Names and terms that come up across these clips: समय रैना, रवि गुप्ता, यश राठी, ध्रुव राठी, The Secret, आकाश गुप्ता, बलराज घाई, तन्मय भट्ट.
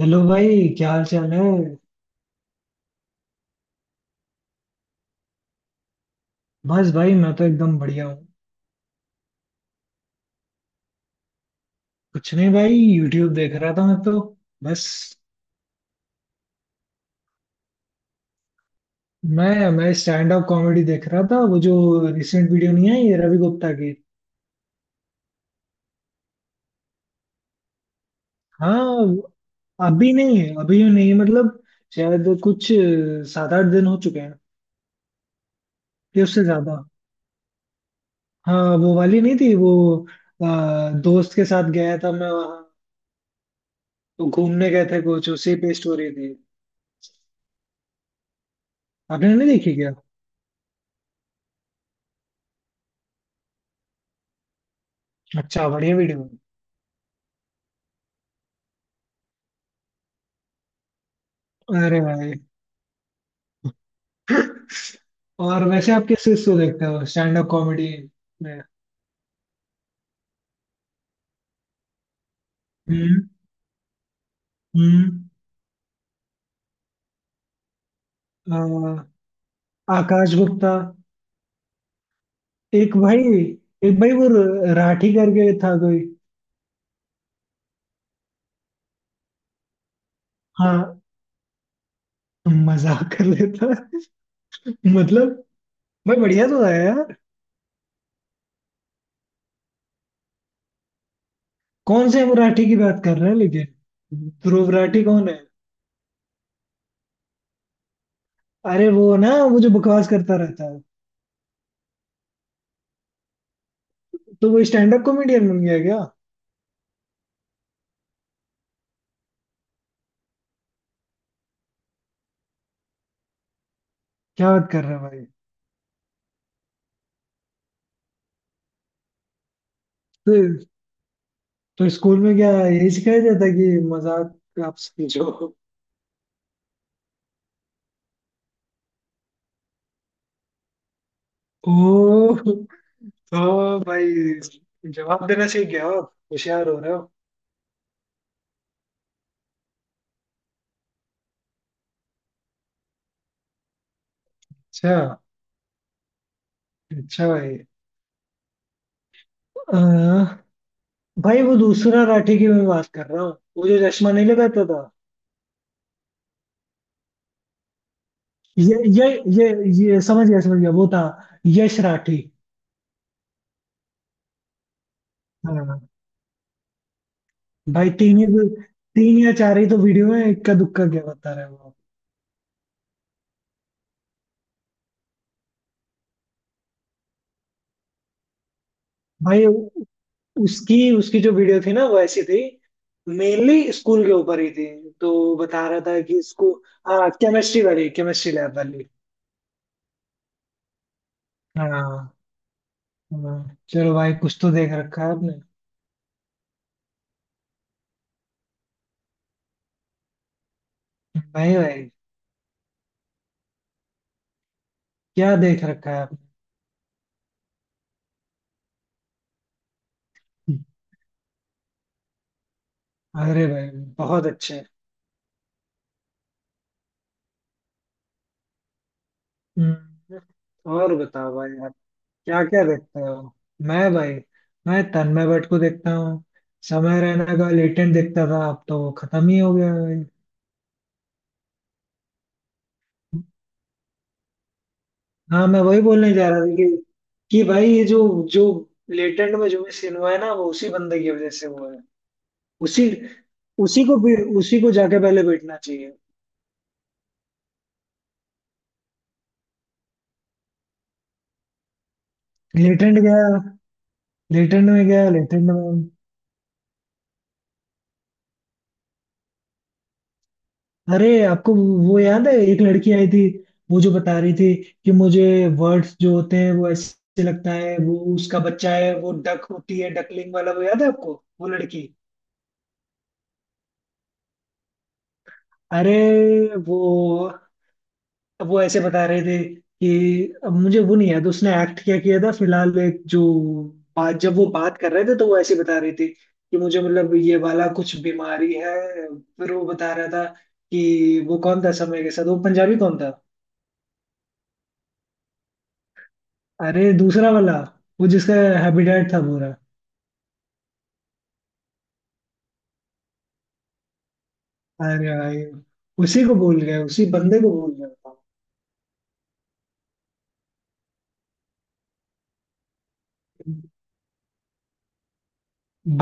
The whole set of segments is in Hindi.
हेलो भाई, क्या हाल चाल है। बस भाई, मैं तो एकदम बढ़िया हूँ। कुछ नहीं भाई, यूट्यूब देख रहा था मैं तो। बस मैं स्टैंड अप कॉमेडी देख रहा था, वो जो रिसेंट वीडियो नहीं आई है रवि गुप्ता की। हाँ अभी नहीं है, अभी नहीं मतलब शायद कुछ 7 8 दिन हो चुके हैं या उससे ज्यादा। हाँ, वो वाली नहीं थी वो। अ, दोस्त के साथ गया था मैं वहाँ, तो घूमने गए थे, कुछ उसी पे स्टोरी थी। आपने नहीं देखी क्या। अच्छा, बढ़िया वीडियो। अरे भाई। और वैसे आप किस चीज को देखते हो स्टैंड अप कॉमेडी में। हम्म। हम्म। अ, आकाश गुप्ता। एक भाई, एक भाई वो राठी करके था कोई। हाँ, मजाक कर लेता। मतलब भाई बढ़िया तो है यार। कौन से हम राठी की बात कर रहे हैं, लेकिन ध्रुव राठी कौन है। अरे वो ना, वो जो बकवास करता रहता है। तो वो स्टैंड अप कॉमेडियन बन गया क्या। क्या बात कर रहे हैं भाई। तो, तो स्कूल में क्या यही सिखाया जाता है कि मजाक आप समझो। ओ। ओ भाई जवाब देना सीख गया हो, आप होशियार हो रहे हो। अच्छा। अच्छा भाई। अह, भाई वो दूसरा राठी की मैं बात कर रहा हूँ। वो जो चश्मा नहीं लगाता था। ये ये ये समझ गया, समझ गया, वो था यश राठी। हाँ भाई, 3 या 4 ही तो वीडियो में, इक्का दुक्का क्या बता रहे हो आप। भाई उसकी उसकी जो वीडियो थी ना, वो ऐसी थी। मेनली स्कूल के ऊपर ही थी। तो बता रहा था कि इसको। हाँ, केमिस्ट्री वाली, केमिस्ट्री लैब वाली। हाँ। हाँ, चलो भाई कुछ तो देख रखा है आपने। नहीं भाई, क्या देख रखा है आपने। अरे भाई, बहुत अच्छे। हम्म, और बताओ भाई आप, क्या क्या देखते हो। मैं भाई, मैं तन्मय भट्ट को देखता हूँ। समय रैना का लेटेंट देखता था, अब तो वो खत्म ही हो गया भाई। हाँ, मैं वही बोलने जा रहा था कि भाई ये जो जो लेटेंट में जो भी सीन हुआ है ना, वो उसी बंदे की वजह से हुआ है। उसी, उसी को भी, उसी को जाके पहले बैठना चाहिए। लेटेंट गया। लेटेंट में गया, लेटेंट में। अरे आपको वो याद है, एक लड़की आई थी। वो जो बता रही थी कि मुझे वर्ड्स जो होते हैं वो ऐसे लगता है वो उसका बच्चा है, वो डक होती है, डकलिंग वाला, वो याद है आपको, वो लड़की। अरे वो वो ऐसे बता रहे थे कि अब मुझे वो नहीं याद उसने एक्ट क्या किया था, फिलहाल एक जो बात, जब वो बात कर रहे थे तो वो ऐसे बता रही थी कि मुझे, मतलब ये वाला कुछ बीमारी है। फिर वो बता रहा था कि वो कौन था समय के साथ, वो पंजाबी कौन था। अरे दूसरा वाला, वो जिसका हैबिटेट था पूरा। अरे भाई, उसी को बोल गया, उसी बंदे को बोल गया था।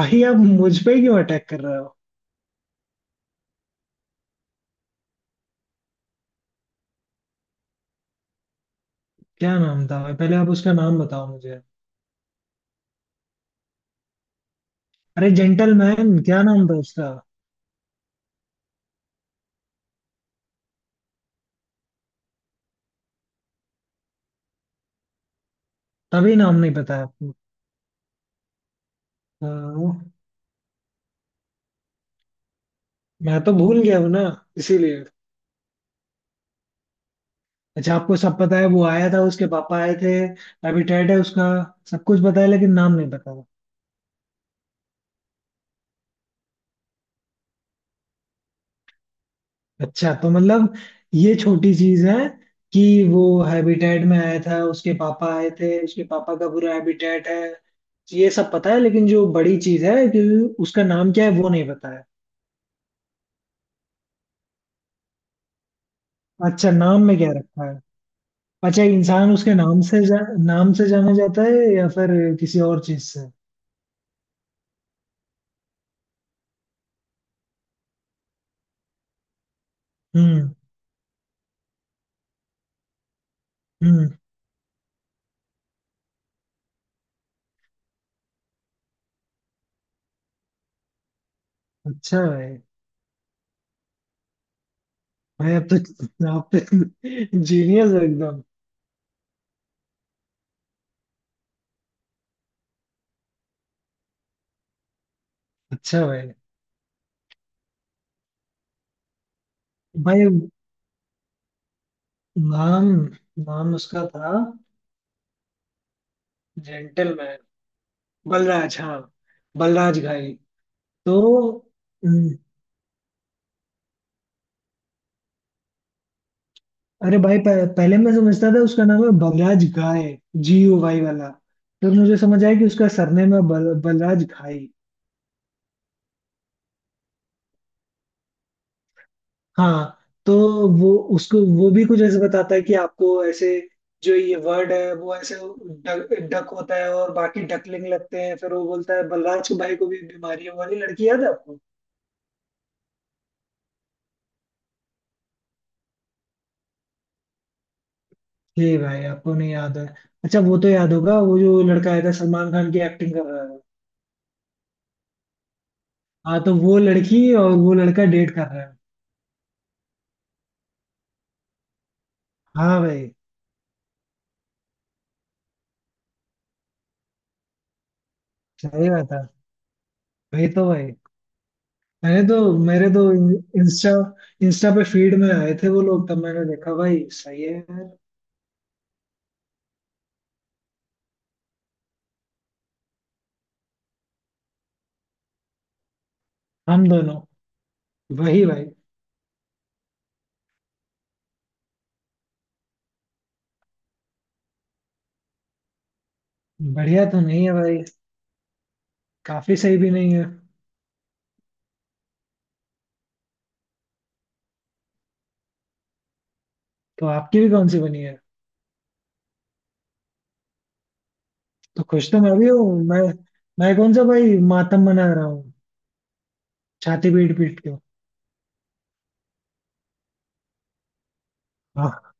भाई आप मुझ पे ही क्यों अटैक कर रहे हो। क्या नाम था भाई, पहले आप उसका नाम बताओ मुझे। अरे जेंटलमैन, क्या नाम था उसका। तभी नाम नहीं पता है आपको। हाँ, मैं तो भूल गया हूँ ना, इसीलिए। अच्छा आपको सब पता है, वो आया था, उसके पापा आए थे, हैबिटेट है उसका, सब कुछ पता है, लेकिन नाम नहीं पता। अच्छा तो मतलब ये छोटी चीज है कि वो हैबिटेट में आया था, उसके पापा आए थे, उसके पापा का पूरा हैबिटेट है, ये सब पता है, लेकिन जो बड़ी चीज है कि उसका नाम क्या है, वो नहीं पता है। अच्छा, नाम में क्या रखा है। अच्छा, इंसान उसके नाम से जाना जाता है या फिर किसी और चीज से। हम्म। हम्म। अच्छा भाई। भाई आप तो, आप तो जीनियस हो एकदम। अच्छा भाई। भाई नाम, नाम उसका था जेंटलमैन, बलराज। हाँ, बलराज घाई। तो। हम्म, अरे भाई पहले मैं समझता था उसका नाम है बलराज घाय, जी यू वाई वाला। फिर मुझे समझ आया कि उसका सरनेम है बलराज घाई। हाँ। तो वो उसको, वो भी कुछ ऐसे बताता है कि आपको ऐसे जो ये वर्ड है वो ऐसे डक होता है और बाकी डकलिंग लगते हैं। फिर वो बोलता है बलराज के भाई को भी बीमारी है। वो वाली लड़की याद है आपको। ये भाई आपको नहीं याद है। अच्छा वो तो याद होगा, वो जो लड़का आया था सलमान खान की एक्टिंग कर रहा है। हाँ तो वो लड़की और वो लड़का डेट कर रहे हैं। हाँ भाई, सही बात है। वही तो भाई। मैंने तो, मेरे तो इंस्टा, इंस्टा पे फीड में आए थे वो लोग, तब मैंने देखा भाई, सही है यार। हम दोनों। वही भाई। बढ़िया तो नहीं है भाई, काफी सही भी नहीं है। तो आपकी भी कौन सी बनी है। तो खुश तो मैं भी हूँ, मैं, कौन सा भाई मातम मना रहा हूँ छाती पीट पीट के। हाँ,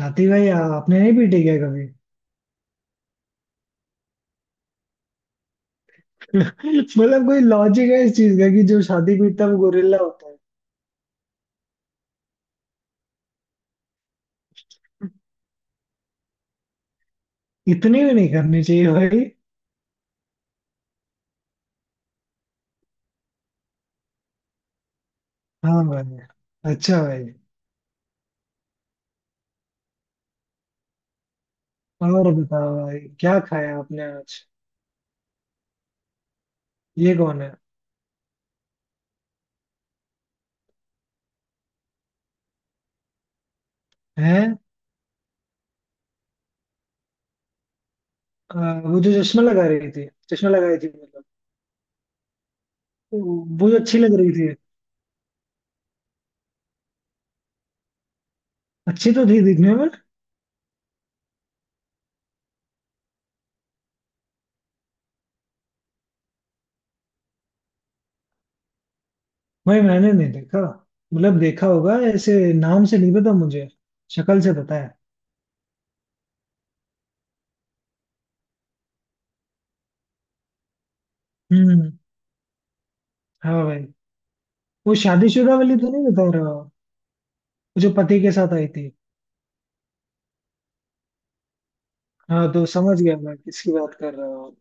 छाती भाई आपने नहीं पीटी क्या कभी। मतलब कोई लॉजिक है इस चीज का कि जो शादी पीटता है वो गोरिल्ला होता है। इतनी भी नहीं करनी चाहिए भाई। हाँ भाई, अच्छा भाई। और बताओ भाई, क्या खाया आपने आज। ये कौन है। हैं। अ, वो जो चश्मा लगा रही थी, चश्मा लगाई थी मतलब। वो वो जो अच्छी लग रही थी। अच्छी तो थी दिखने में। भाई मैंने नहीं देखा, मतलब देखा होगा ऐसे, नाम से नहीं पता मुझे, शक्ल से पता है। हम्म। हाँ भाई। वो शादीशुदा वाली तो नहीं बता रहा हो? वो जो पति के साथ आई थी। हाँ तो समझ गया मैं किसकी बात कर रहा हूँ।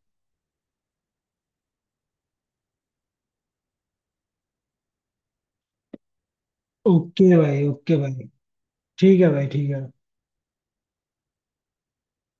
ओके भाई, ओके भाई। ठीक है भाई, ठीक है।